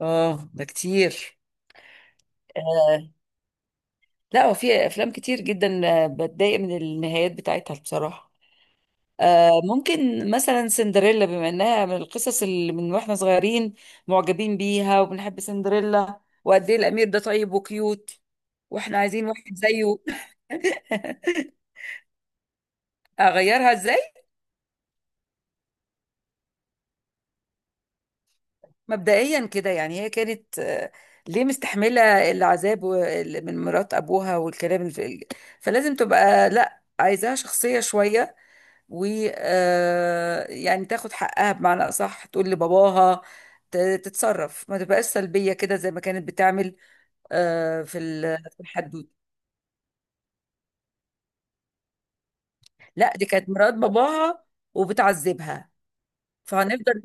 اه ده كتير. آه لا، وفي افلام كتير جدا، بتضايق من النهايات بتاعتها بصراحة. ممكن مثلا سندريلا، بما انها من القصص اللي من واحنا صغيرين معجبين بيها، وبنحب سندريلا وقد ايه الامير ده طيب وكيوت، واحنا عايزين واحد زيه. اغيرها ازاي؟ مبدئيا كده، يعني هي كانت ليه مستحمله العذاب من مرات ابوها والكلام فلازم تبقى لا، عايزاها شخصيه شويه و يعني تاخد حقها، بمعنى اصح تقول لباباها، ت- تتصرف، ما تبقاش سلبيه كده زي ما كانت بتعمل، في الحدود. لا، دي كانت مرات باباها وبتعذبها، فهنفضل.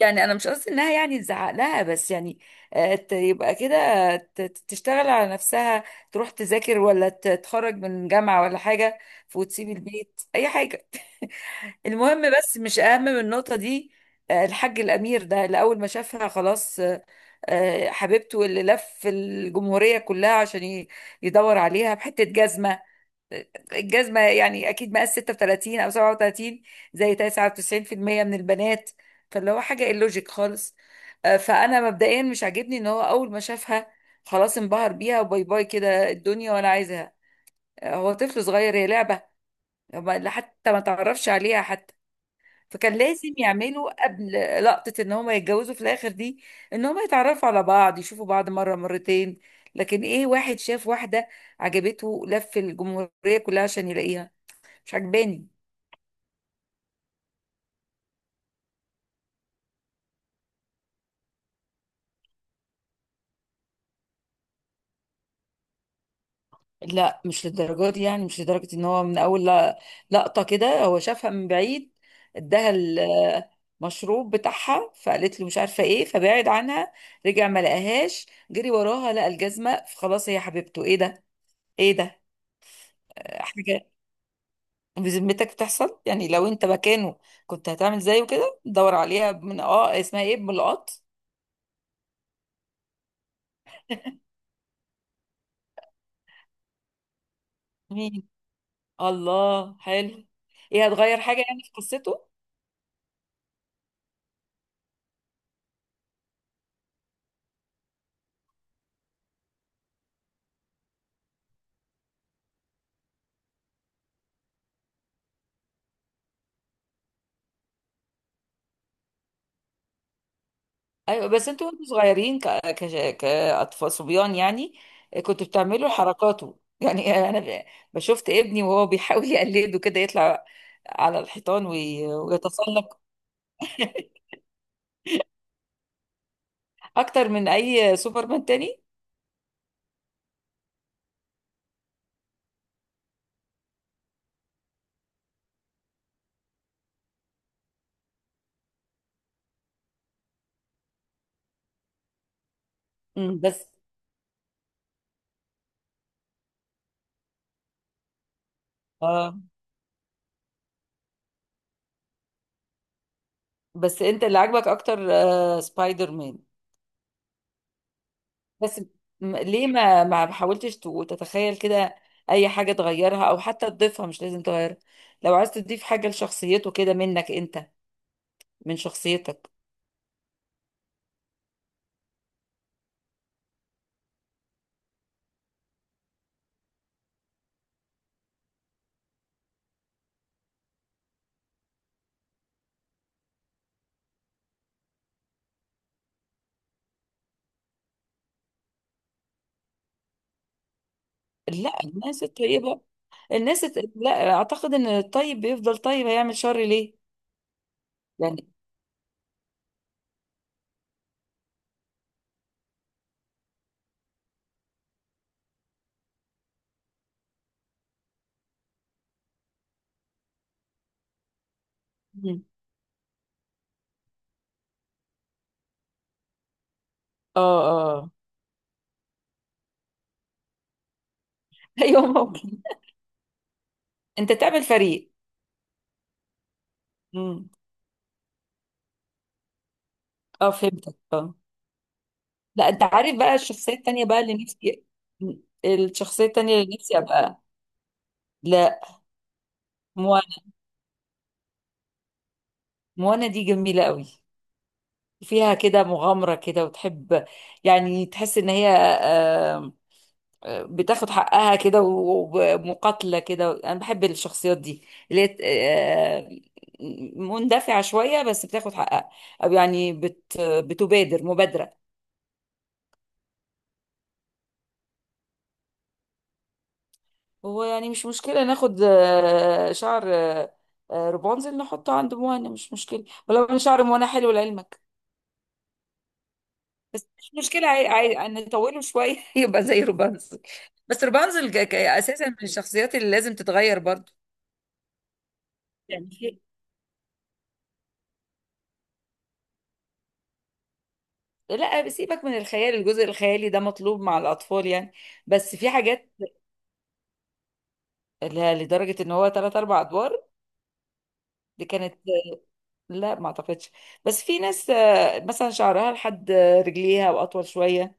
يعني انا مش قصدي انها يعني تزعق لها، بس يعني يبقى كده تشتغل على نفسها، تروح تذاكر ولا تتخرج من جامعة ولا حاجة، وتسيب البيت، اي حاجة. المهم، بس مش اهم من النقطة دي. الحاج الامير ده اللي اول ما شافها خلاص، حبيبته، اللي لف الجمهورية كلها عشان يدور عليها بحتة جزمة. الجزمة يعني أكيد مقاس 36 أو 37، زي 99% من البنات، فاللي هو حاجة اللوجيك خالص. فأنا مبدئيا مش عاجبني إن هو أول ما شافها خلاص انبهر بيها وباي باي كده الدنيا وأنا عايزها. هو طفل صغير هي لعبة؟ حتى ما تعرفش عليها حتى. فكان لازم يعملوا قبل لقطة إن هما يتجوزوا في الآخر دي، إن هما يتعرفوا على بعض، يشوفوا بعض مرة مرتين. لكن إيه، واحد شاف واحدة عجبته، لف الجمهورية كلها عشان يلاقيها، مش عجباني. لا، مش للدرجات دي، يعني مش لدرجة ان هو من اول لقطة كده هو شافها من بعيد، اداها المشروب بتاعها، فقالت له مش عارفة ايه، فبعد عنها، رجع ما لقاهاش، جري وراها، لقى الجزمة، فخلاص هي حبيبته. ايه ده، ايه ده، حاجة! بذمتك بتحصل؟ يعني لو انت مكانه كنت هتعمل زيه كده، دور عليها من اسمها ايه، بملقط؟ مين؟ الله حلو! ايه، هتغير حاجة يعني في قصته؟ ايوه، بس انتوا وانتوا صغيرين كاطفال صبيان يعني، كنتوا بتعملوا حركاته يعني. انا بشوفت ابني وهو بيحاول يقلده كده، يطلع على الحيطان ويتسلق. اكتر من اي سوبرمان تاني. أمم، بس. اه. بس انت اللي عاجبك اكتر سبايدر مان؟ بس ليه ما حاولتش تتخيل كده اي حاجه تغيرها، او حتى تضيفها، مش لازم تغيرها، لو عايز تضيف حاجه لشخصيته كده منك انت، من شخصيتك. لا، الناس الطيبة، لا اعتقد ان الطيب بيفضل طيب، هيعمل شر ليه؟ يعني. مم. اه. اه. ايوه ممكن، انت تعمل فريق. مم. اه، فهمتك، اه. لا، انت عارف بقى الشخصية التانية بقى اللي نفسي، مم. الشخصية التانية اللي نفسي ابقى، لا، موانا. موانا دي جميلة قوي، فيها كده مغامرة كده، وتحب، يعني تحس ان هي آه، بتاخد حقها كده، ومقاتلة كده. أنا بحب الشخصيات دي اللي هي آه، مندفعة شوية، بس بتاخد حقها، أو يعني بتبادر مبادرة. هو يعني مش مشكلة، ناخد شعر رابنزل، نحطه عند موانا، مش مشكلة، ولو أنا شعر موانا حلو لعلمك. مش مشكلة، نطوله شوية يبقى زي رابنزل. بس رابنزل أساسا من الشخصيات اللي لازم تتغير برضو يعني. لا، سيبك من الخيال، الجزء الخيالي ده مطلوب مع الأطفال يعني. بس في حاجات، لا لدرجة ان هو تلات أربع أدوار، دي كانت، لا ما أعتقدش. بس في ناس مثلا شعرها لحد رجليها وأطول شوية،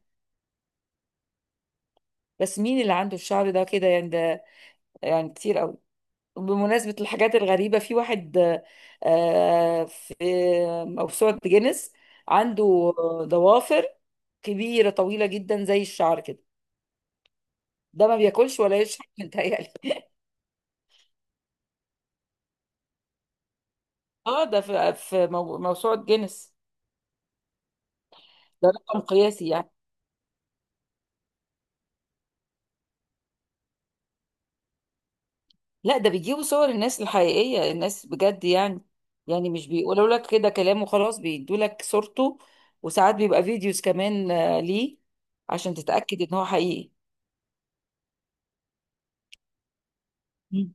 بس مين اللي عنده الشعر ده كده يعني؟ ده يعني كتير قوي. بمناسبة الحاجات الغريبة، في واحد في موسوعة جينيس عنده ضوافر كبيرة طويلة جدا زي الشعر كده، ده ما بياكلش ولا يشرب متهيألي. اه، ده في في موسوعة جينيس، ده رقم قياسي يعني. لا، ده بيجيبوا صور الناس الحقيقية، الناس بجد يعني، يعني مش بيقولوا لك كده كلام وخلاص، بيدوا لك صورته، وساعات بيبقى فيديوز كمان، ليه؟ عشان تتأكد ان هو حقيقي. مم.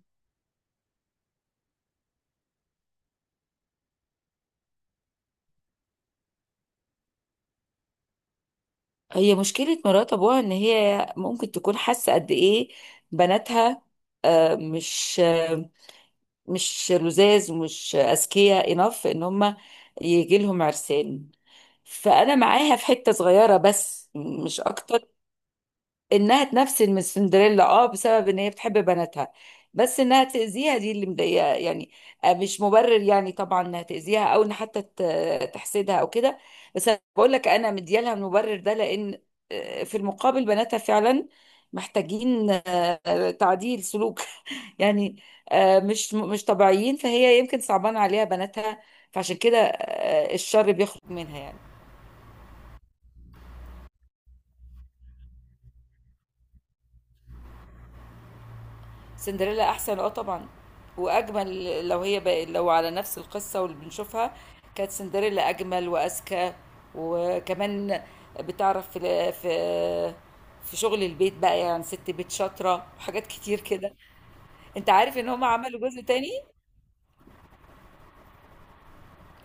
هي مشكلة مرات ابوها ان هي ممكن تكون حاسة قد ايه بناتها مش مش لزاز ومش اذكياء، انف ان هم يجي لهم عرسان. فانا معاها في حته صغيره بس مش اكتر، انها تنفسن من سندريلا، اه، بسبب ان هي بتحب بناتها. بس انها تاذيها دي اللي مضايقه يعني، مش مبرر يعني طبعا انها تاذيها، او ان حتى تحسدها او كده. بس انا بقول لك انا مديالها المبرر ده، لان في المقابل بناتها فعلا محتاجين تعديل سلوك، يعني مش مش طبيعيين، فهي يمكن صعبان عليها بناتها، فعشان كده الشر بيخرج منها يعني. سندريلا احسن، اه طبعا، واجمل. لو هي بقى لو على نفس القصه، واللي بنشوفها كانت سندريلا اجمل واذكى، وكمان بتعرف في شغل البيت بقى يعني، ست بيت شاطره وحاجات كتير كده. انت عارف ان هم عملوا جزء تاني؟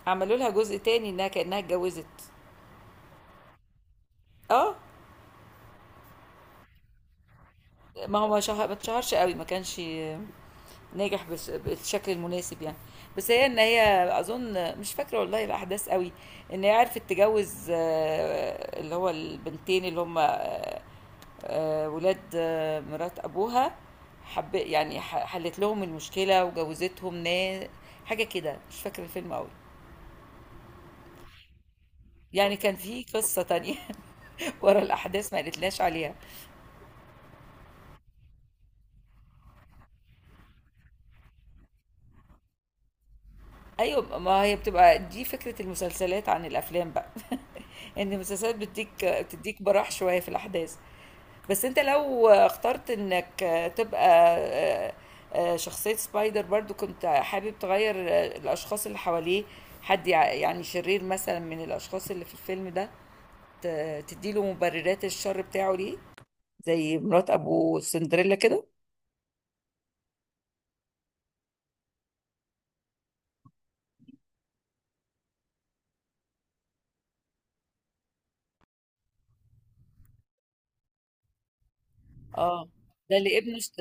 عملوا لها جزء تاني انها كانها اتجوزت. اه، ما هو ما اتشهرش قوي، ما كانش ناجح بالشكل المناسب يعني. بس هي ان هي اظن مش فاكره والله الاحداث قوي، ان هي عرفت تجوز اللي هو البنتين اللي هم ولاد مرات ابوها، حب يعني، حلت لهم المشكله وجوزتهم ناس، حاجه كده مش فاكره الفيلم قوي. يعني كان في قصه تانية ورا الاحداث ما قالتلاش عليها. ايوه، ما هي بتبقى دي فكره المسلسلات عن الافلام بقى ان المسلسلات بتديك بتديك براح شويه في الاحداث. بس انت لو اخترت انك تبقى آه، شخصية سبايدر برضو، كنت حابب تغير الأشخاص اللي حواليه؟ حد يعني شرير مثلا من الأشخاص اللي في الفيلم ده، تديله مبررات الشر بتاعه ليه، زي مرات أبو سندريلا كده. اه، ده اللي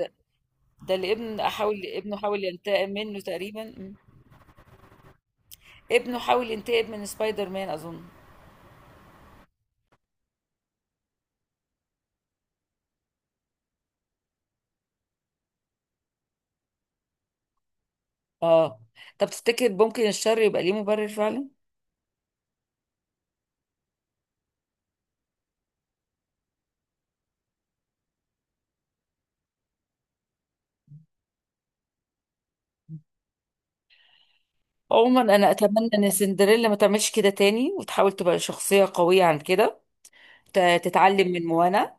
ده اللي ابنه حاول ينتقم منه تقريبا، م. ابنه حاول ينتقم من سبايدر مان أظن. اه. طب تفتكر ممكن الشر يبقى ليه مبرر فعلا؟ عموما انا اتمنى ان سندريلا ما تعملش كده تاني، وتحاول تبقى شخصيه قويه عن كده، تتعلم من موانا،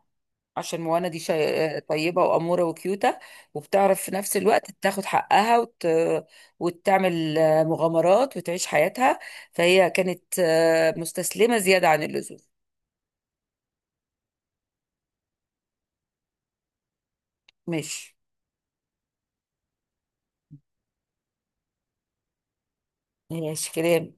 عشان موانا دي طيبه واموره وكيوته، وبتعرف في نفس الوقت تاخد حقها وتعمل مغامرات وتعيش حياتها، فهي كانت مستسلمه زياده عن اللزوم. ماشي. ماشي كده.